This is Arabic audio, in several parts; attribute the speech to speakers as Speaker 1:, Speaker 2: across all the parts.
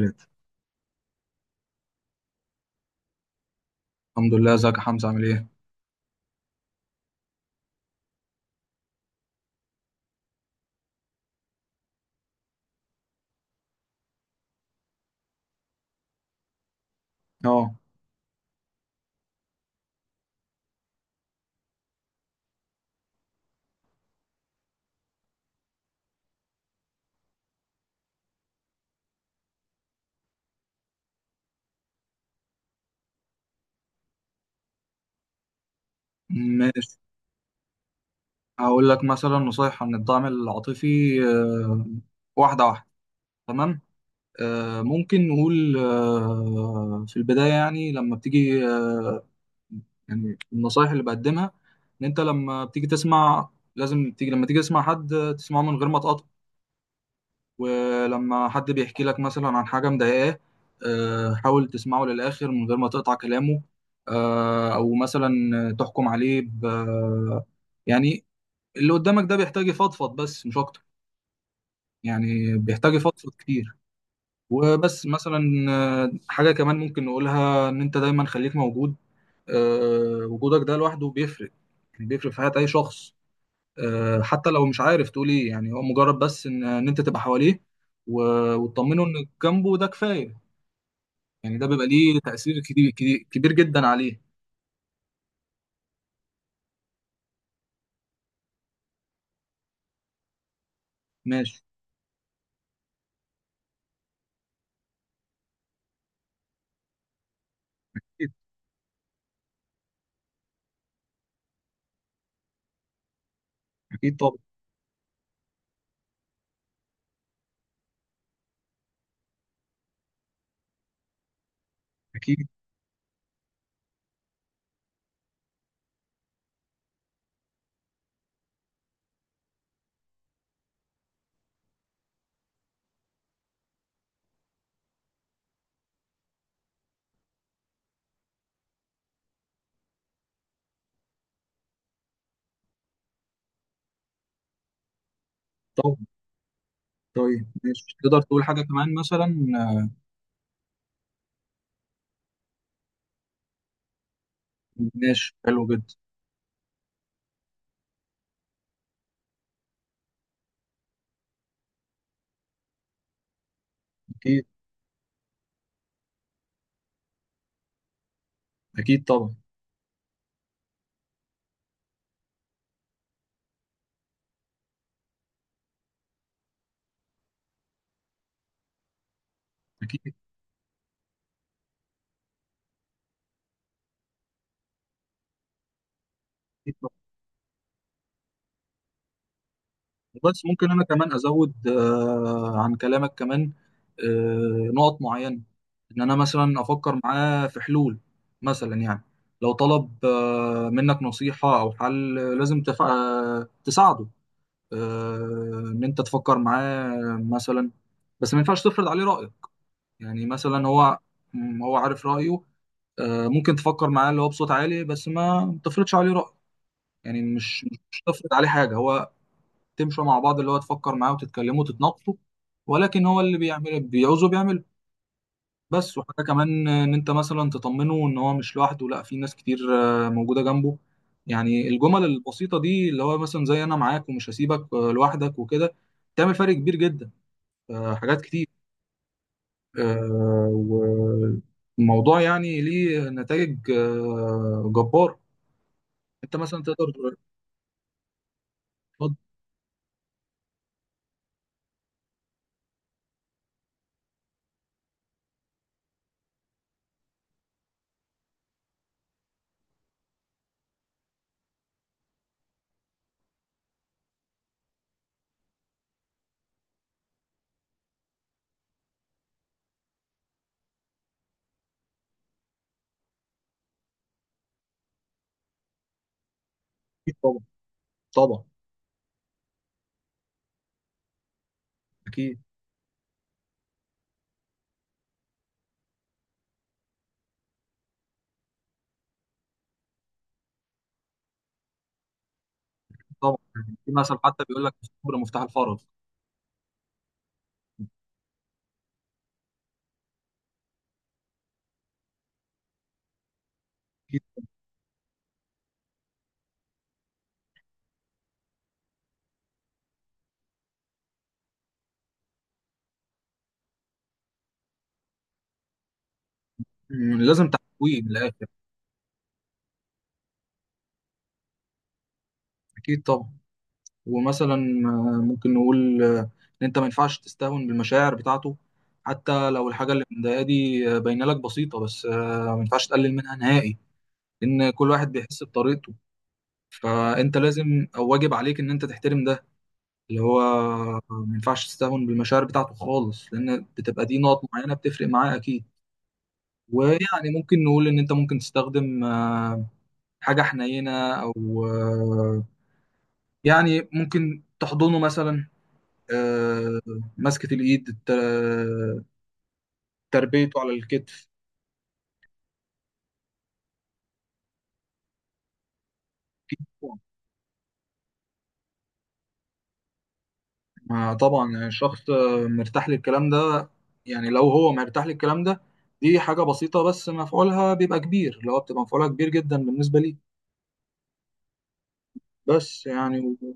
Speaker 1: ريت. الحمد لله، ازيك يا حمزة؟ عامل ايه؟ اه ماشي، هقول لك مثلا نصايح عن الدعم العاطفي. آه، واحدة واحدة، تمام؟ ممكن نقول في البداية، يعني لما بتيجي يعني النصايح اللي بقدمها، ان انت لما بتيجي تسمع، لازم تيجي، لما تيجي تسمع حد تسمعه من غير ما تقاطع. ولما حد بيحكي لك مثلا عن حاجة مضايقاه، حاول تسمعه للآخر من غير ما تقطع كلامه. أو مثلا تحكم عليه ب، يعني اللي قدامك ده بيحتاج يفضفض بس، مش أكتر، يعني بيحتاج يفضفض كتير وبس مثلا. حاجة كمان ممكن نقولها، إن أنت دايما خليك موجود. وجودك ده لوحده بيفرق، يعني بيفرق في حياة أي شخص. حتى لو مش عارف تقول ايه، يعني هو مجرد بس ان انت تبقى حواليه وتطمنه انك جنبه، ده كفايه. يعني ده بيبقى ليه تأثير كبير كبير كبير جدا عليه. ماشي. اكيد، أكيد طبعا. اكيد طبعا. طيب ماشي، تقدر تقول حاجه كمان مثلا؟ آه، ماشي حلو جدا. اكيد، اكيد طبعا. اكيد، أكيد طبعا. بس ممكن انا كمان ازود عن كلامك كمان نقط معينه. ان انا مثلا افكر معاه في حلول، مثلا يعني لو طلب منك نصيحه او حل، لازم تف... آه، تساعده. ان انت تفكر معاه مثلا، بس ما ينفعش تفرض عليه رايك. يعني مثلا هو هو عارف رايه. ممكن تفكر معاه اللي هو بصوت عالي، بس ما تفرضش عليه رايك. يعني مش تفرض عليه حاجه هو، تمشوا مع بعض، اللي هو تفكر معاه وتتكلموا وتتناقشوا، ولكن هو اللي بيعمل، بيعوزه بيعمله بس. وحاجة كمان، إن أنت مثلا تطمنه إن هو مش لوحده، لأ، في ناس كتير موجودة جنبه. يعني الجمل البسيطة دي، اللي هو مثلا زي أنا معاك ومش هسيبك لوحدك وكده، تعمل فرق كبير جدا. حاجات كتير. والموضوع يعني ليه نتائج جبارة. أنت مثلا تقدر تقول- طبعا. طبعا. أكيد طبعا. يعني في مثل حتى بيقول لك الصبر مفتاح الفرج. مم، لازم تحويه من الاخر. اكيد طبعا. ومثلا ممكن نقول ان انت ما ينفعش تستهون بالمشاعر بتاعته، حتى لو الحاجه اللي مضايقاه دي باينه لك بسيطه، بس ما ينفعش تقلل منها نهائي. ان كل واحد بيحس بطريقته، فانت لازم او واجب عليك ان انت تحترم ده. اللي هو ما ينفعش تستهون بالمشاعر بتاعته خالص، لان بتبقى دي نقط معينه بتفرق معاه اكيد. ويعني ممكن نقول ان انت ممكن تستخدم حاجه حنينه، او يعني ممكن تحضنه مثلا. آه، مسكة الإيد الت- تربيته على الكتف. ما طبعا يعني الشخص مرتاح للكلام ده، يعني لو هو مرتاح للكلام ده، دي حاجة بسيطة بس مفعولها بيبقى كبير، لو بتبقى مفعولها كبير جدا بالنسبة لي. بس يعني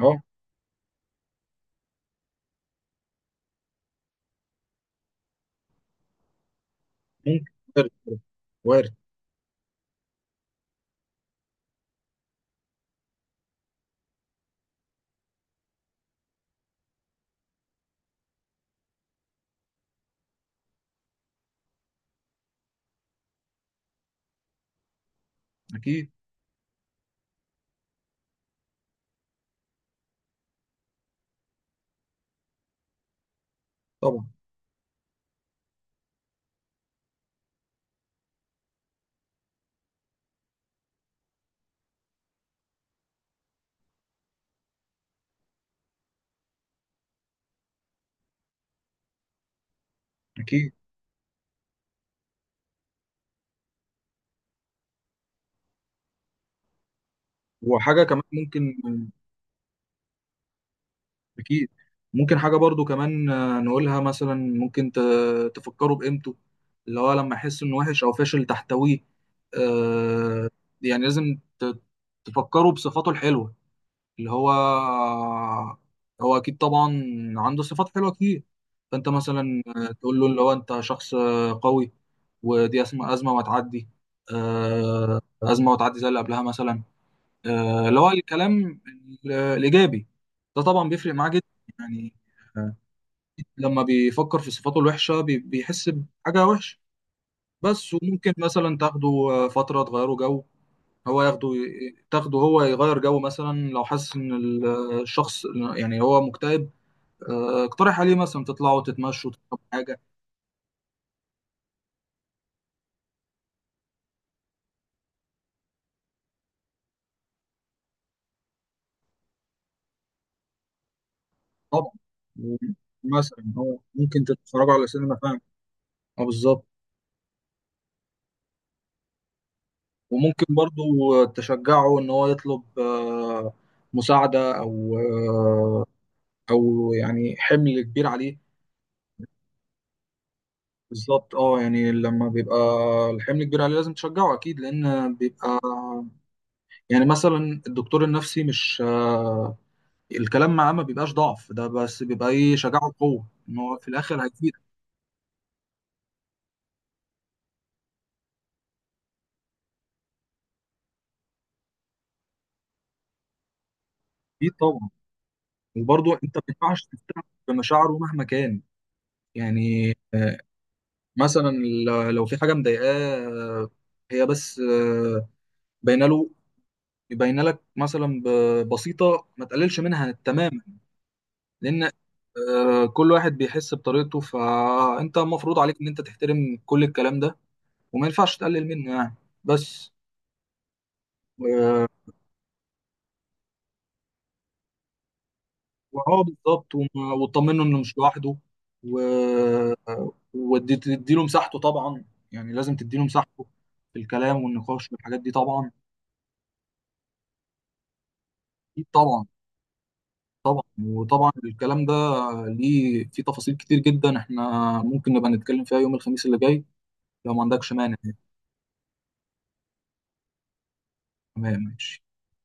Speaker 1: اه ممكن. وارد. وارد. أكيد طبعا. أكيد. وحاجة كمان ممكن. اكيد. ممكن حاجه برضو كمان نقولها مثلا، ممكن تفكروا بقيمته، اللي هو لما يحس انه وحش او فاشل تحتويه. آه، يعني لازم تفكروا بصفاته الحلوه، اللي هو هو اكيد طبعا عنده صفات حلوه كتير. فانت مثلا تقول له اللي هو انت شخص قوي، ودي اسمه ازمه وهتعدي. ازمه وهتعدي زي اللي قبلها مثلا. اللي هو الكلام الإيجابي ده طبعا بيفرق معاه جدا. يعني آه، لما بيفكر في صفاته الوحشة، بيحس بحاجة وحشة بس. وممكن مثلا تاخده فترة تغيره جو. هو ياخده، تاخده هو يغير جو، مثلا لو حاسس إن الشخص يعني هو مكتئب، اقترح عليه مثلا تطلعوا تتمشوا تشربوا حاجة. طبعا، مثلا هو ممكن تتفرجوا على سينما، فاهم؟ اه بالظبط. وممكن برضو تشجعه ان هو يطلب مساعدة، او او يعني حمل كبير عليه. بالظبط اه. يعني لما بيبقى الحمل كبير عليه لازم تشجعه اكيد، لان بيبقى يعني مثلا الدكتور النفسي مش الكلام معاه ما بيبقاش ضعف ده، بس بيبقى ايه، شجاعه وقوة، ان هو في الاخر هيفيدك. اكيد طبعا. وبرضو انت ما ينفعش تستهتر بمشاعره مهما كان. يعني مثلا لو في حاجه مضايقاه، هي بس باينه له، باينه لك مثلا بسيطه، ما تقللش منها تماما. لان كل واحد بيحس بطريقته، فانت المفروض عليك ان انت تحترم كل الكلام ده وما ينفعش تقلل منه يعني بس. وهو بالظبط، وتطمنه انه مش لوحده و... وتديله مساحته طبعا، يعني لازم تديله مساحته في الكلام والنقاش والحاجات دي طبعا. اكيد طبعا. طبعا وطبعا الكلام ده ليه في تفاصيل كتير جدا، احنا ممكن نبقى نتكلم فيها يوم الخميس اللي جاي لو ما عندكش مانع يعني. تمام ماشي.